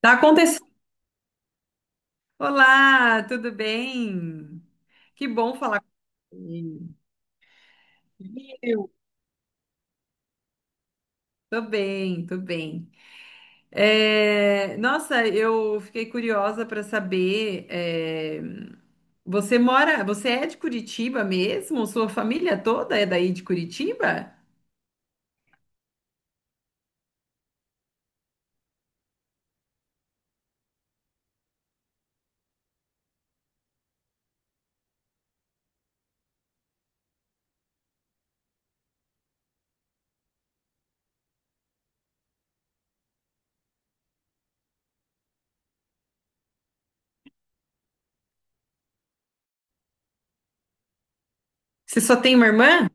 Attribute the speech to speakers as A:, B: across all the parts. A: Tá acontecendo. Olá, tudo bem? Que bom falar com você. Tô bem, tô bem. É, nossa, eu fiquei curiosa para saber. Você mora, você é de Curitiba mesmo? Sua família toda é daí de Curitiba? Você só tem uma irmã?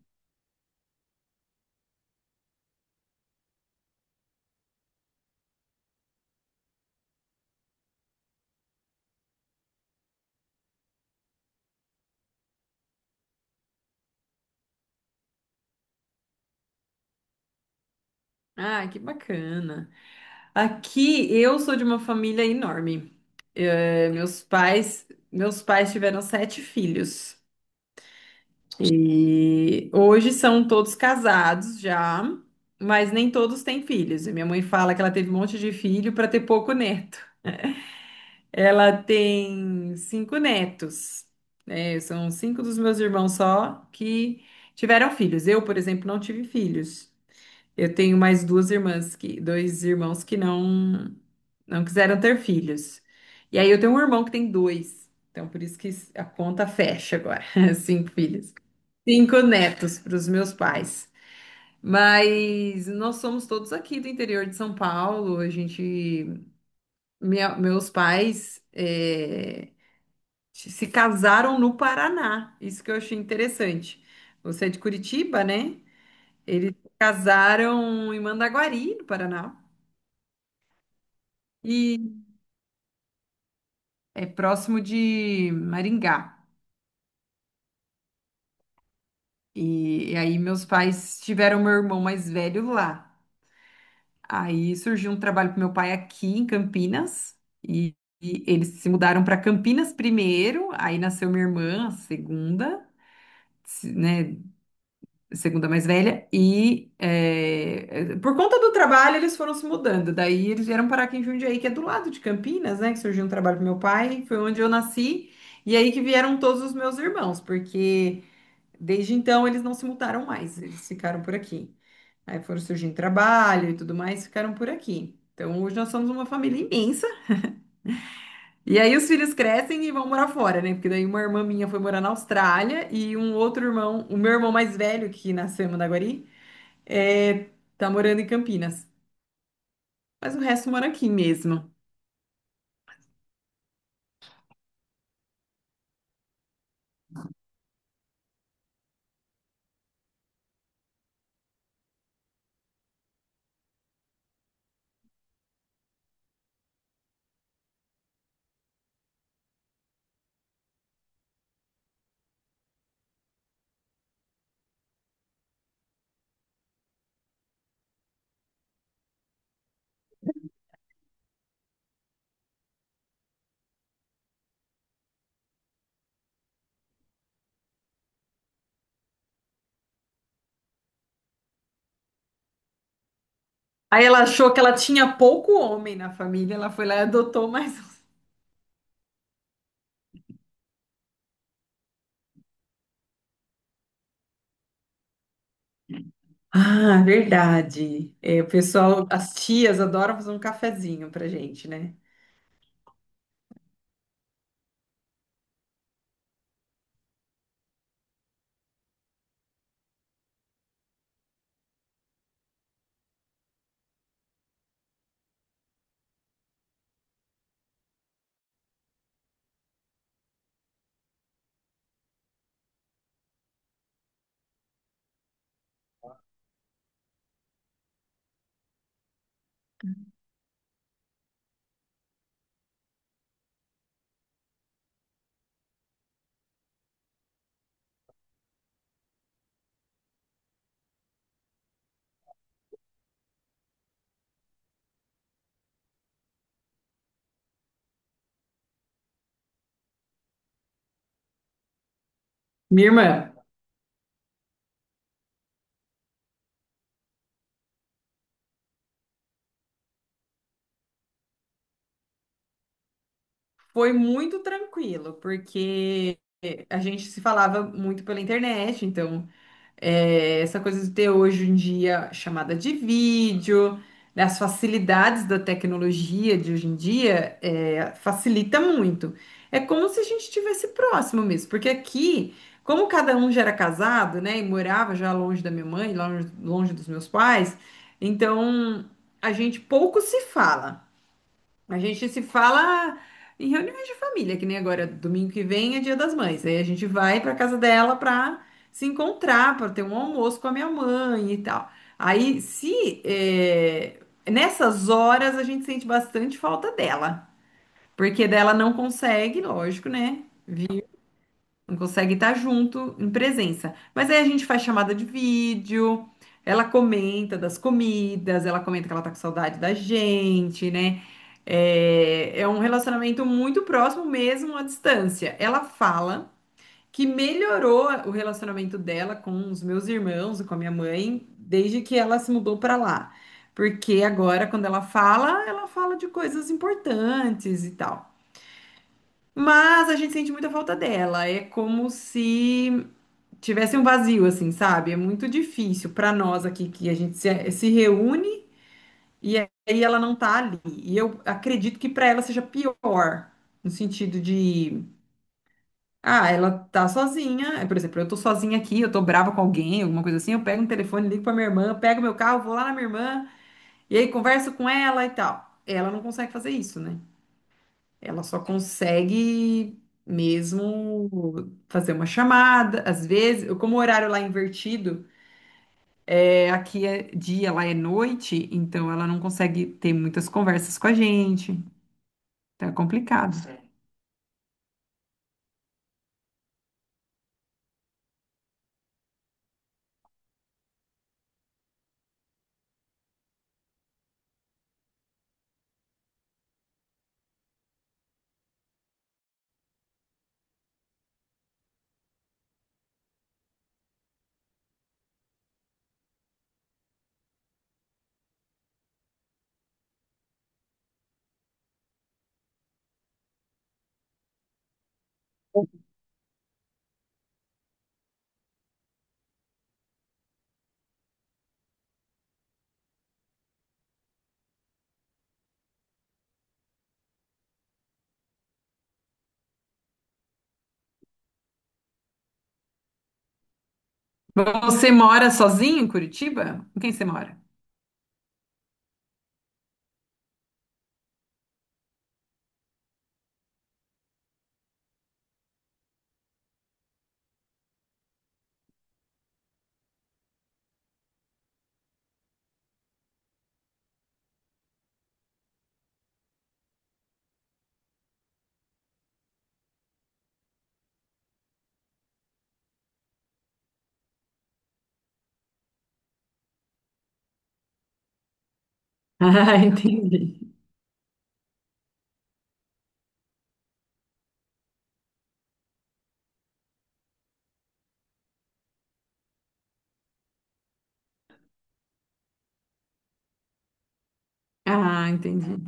A: Ah, que bacana. Aqui eu sou de uma família enorme. É, meus pais tiveram sete filhos. E hoje são todos casados já, mas nem todos têm filhos. E minha mãe fala que ela teve um monte de filho para ter pouco neto. Ela tem cinco netos, né? São cinco dos meus irmãos só que tiveram filhos. Eu, por exemplo, não tive filhos. Eu tenho mais dois irmãos que não quiseram ter filhos. E aí eu tenho um irmão que tem dois. Então, por isso que a conta fecha agora, cinco filhos. Cinco netos para os meus pais. Mas nós somos todos aqui do interior de São Paulo. Meus pais se casaram no Paraná. Isso que eu achei interessante. Você é de Curitiba, né? Eles se casaram em Mandaguari, no Paraná, e é próximo de Maringá. E aí meus pais tiveram meu irmão mais velho lá. Aí surgiu um trabalho para meu pai aqui em Campinas e, e eles se mudaram para Campinas primeiro, aí nasceu minha irmã, a segunda, né, segunda mais velha e por conta do trabalho eles foram se mudando. Daí eles vieram parar aqui em Jundiaí, que é do lado de Campinas, né, que surgiu um trabalho para meu pai, foi onde eu nasci e aí que vieram todos os meus irmãos, porque desde então eles não se mudaram mais, eles ficaram por aqui. Aí foram surgindo trabalho e tudo mais, ficaram por aqui. Então hoje nós somos uma família imensa. E aí os filhos crescem e vão morar fora, né? Porque daí uma irmã minha foi morar na Austrália e um outro irmão, o meu irmão mais velho, que nasceu em Mandaguari, é, tá morando em Campinas. Mas o resto mora aqui mesmo. Aí ela achou que ela tinha pouco homem na família, ela foi lá e adotou mais um. Ah, verdade. É, o pessoal, as tias adoram fazer um cafezinho pra gente, né? Minha irmã. Foi muito tranquilo, porque a gente se falava muito pela internet, então essa coisa de ter hoje em dia chamada de vídeo, né, as facilidades da tecnologia de hoje em dia facilita muito. É como se a gente estivesse próximo mesmo, porque aqui, como cada um já era casado, né, e morava já longe da minha mãe, longe, longe dos meus pais, então a gente pouco se fala. A gente se fala em reuniões de família, que nem agora, domingo que vem é Dia das Mães. Aí a gente vai para casa dela para se encontrar, para ter um almoço com a minha mãe e tal. Aí, se é, nessas horas a gente sente bastante falta dela, porque dela não consegue, lógico, né? Não consegue estar junto em presença. Mas aí a gente faz chamada de vídeo, ela comenta das comidas, ela comenta que ela tá com saudade da gente, né? É um relacionamento muito próximo mesmo à distância. Ela fala que melhorou o relacionamento dela com os meus irmãos e com a minha mãe desde que ela se mudou para lá. Porque agora, quando ela fala de coisas importantes e tal. Mas a gente sente muita falta dela. É como se tivesse um vazio, assim, sabe? É muito difícil para nós aqui que a gente se reúne e aí ela não tá ali. E eu acredito que para ela seja pior, no sentido de, ah, ela tá sozinha. É, por exemplo, eu tô sozinha aqui, eu tô brava com alguém, alguma coisa assim, eu pego um telefone, ligo para minha irmã, pego meu carro, vou lá na minha irmã e aí converso com ela e tal. Ela não consegue fazer isso, né? Ela só consegue mesmo fazer uma chamada, às vezes, como o horário lá é invertido, é, aqui é dia, lá é noite, então ela não consegue ter muitas conversas com a gente. Então é complicado. Certo. Você mora sozinho em Curitiba? Com quem você mora? Ah, entendi. Ah, entendi.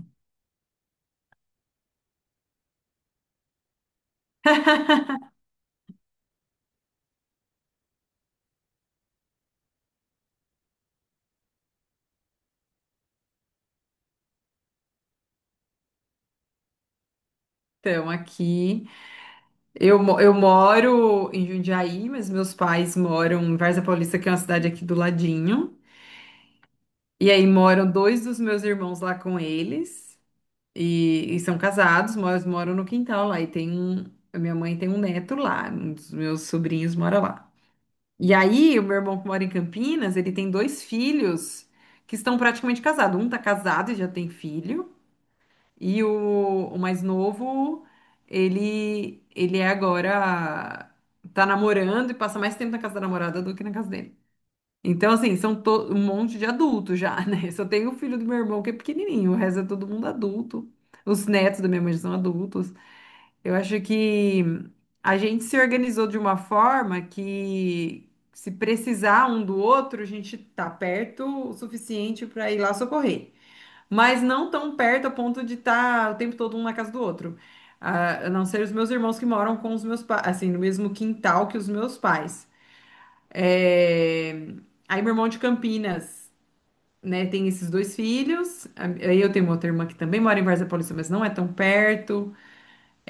A: Então, aqui eu, moro em Jundiaí, mas meus pais moram em Varza Paulista, que é uma cidade aqui do ladinho. E aí moram dois dos meus irmãos lá com eles. E são casados, mas moram no quintal lá. A minha mãe tem um neto lá, um dos meus sobrinhos mora lá. E aí, o meu irmão que mora em Campinas, ele tem dois filhos que estão praticamente casados. Um tá casado e já tem filho, e o mais novo, ele agora tá namorando e passa mais tempo na casa da namorada do que na casa dele. Então, assim, um monte de adultos já, né? Só tem o filho do meu irmão que é pequenininho, o resto é todo mundo adulto. Os netos da minha mãe já são adultos. Eu acho que a gente se organizou de uma forma que, se precisar um do outro, a gente tá perto o suficiente para ir lá socorrer. Mas não tão perto a ponto de estar o tempo todo um na casa do outro. Ah, a não ser os meus irmãos que moram com os meus pais, assim, no mesmo quintal que os meus pais. É... Aí meu irmão de Campinas, né, tem esses dois filhos. Aí eu tenho uma outra irmã que também mora em Varzea Paulista, mas não é tão perto.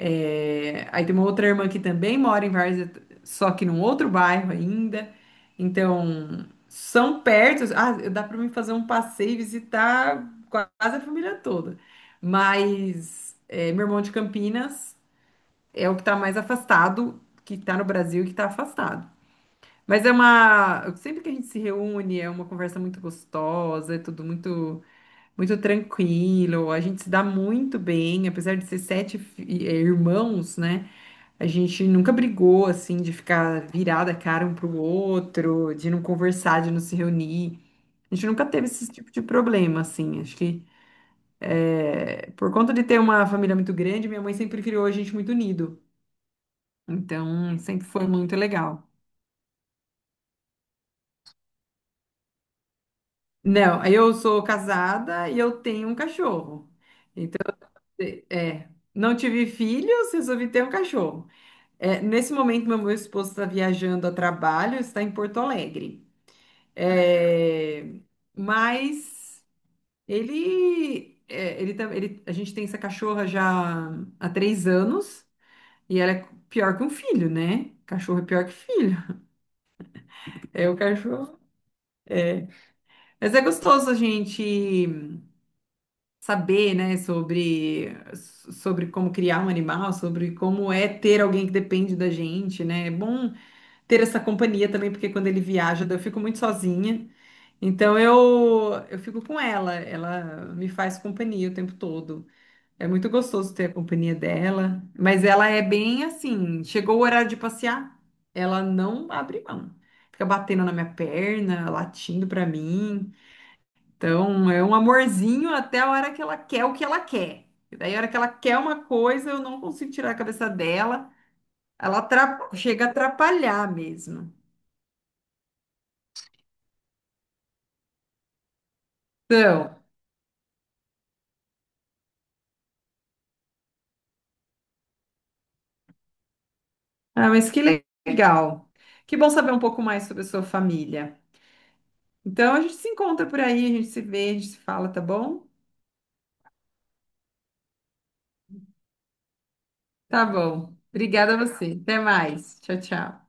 A: É, aí tem uma outra irmã que também mora em Várzea, só que num outro bairro ainda. Então, são perto. Ah, dá para mim fazer um passeio e visitar quase a família toda. Mas meu irmão de Campinas é o que está mais afastado, que está no Brasil e que está afastado. Mas é uma. Sempre que a gente se reúne, é uma conversa muito gostosa, é tudo muito, muito tranquilo. A gente se dá muito bem, apesar de ser sete irmãos, né? A gente nunca brigou, assim, de ficar virada a cara um pro outro, de não conversar, de não se reunir. A gente nunca teve esse tipo de problema, assim. Acho que é, por conta de ter uma família muito grande, minha mãe sempre criou a gente muito unido. Então, sempre foi muito legal. Não, eu sou casada e eu tenho um cachorro. É, é, não tive filhos, resolvi ter um cachorro. É, nesse momento, meu esposo está viajando a trabalho, está em Porto Alegre. É, mas ele, é, ele, tam- ele- a gente tem essa cachorra já há 3 anos e ela é pior que um filho, né? Cachorro é pior que filho. É o cachorro. Mas é gostoso a gente saber, né, sobre, como criar um animal, sobre como é ter alguém que depende da gente, né? É bom ter essa companhia também, porque quando ele viaja, eu fico muito sozinha. Então eu fico com ela, ela me faz companhia o tempo todo. É muito gostoso ter a companhia dela, mas ela é bem assim, chegou o horário de passear, ela não abre mão. Fica batendo na minha perna, latindo pra mim. Então é um amorzinho até a hora que ela quer o que ela quer. E daí a hora que ela quer uma coisa, eu não consigo tirar a cabeça dela. Ela chega a atrapalhar mesmo. Então, ah, mas que legal. Que bom saber um pouco mais sobre a sua família. Então a gente se encontra por aí, a gente se vê, a gente se fala, tá bom? Tá bom. Obrigada a você. Até mais. Tchau, tchau.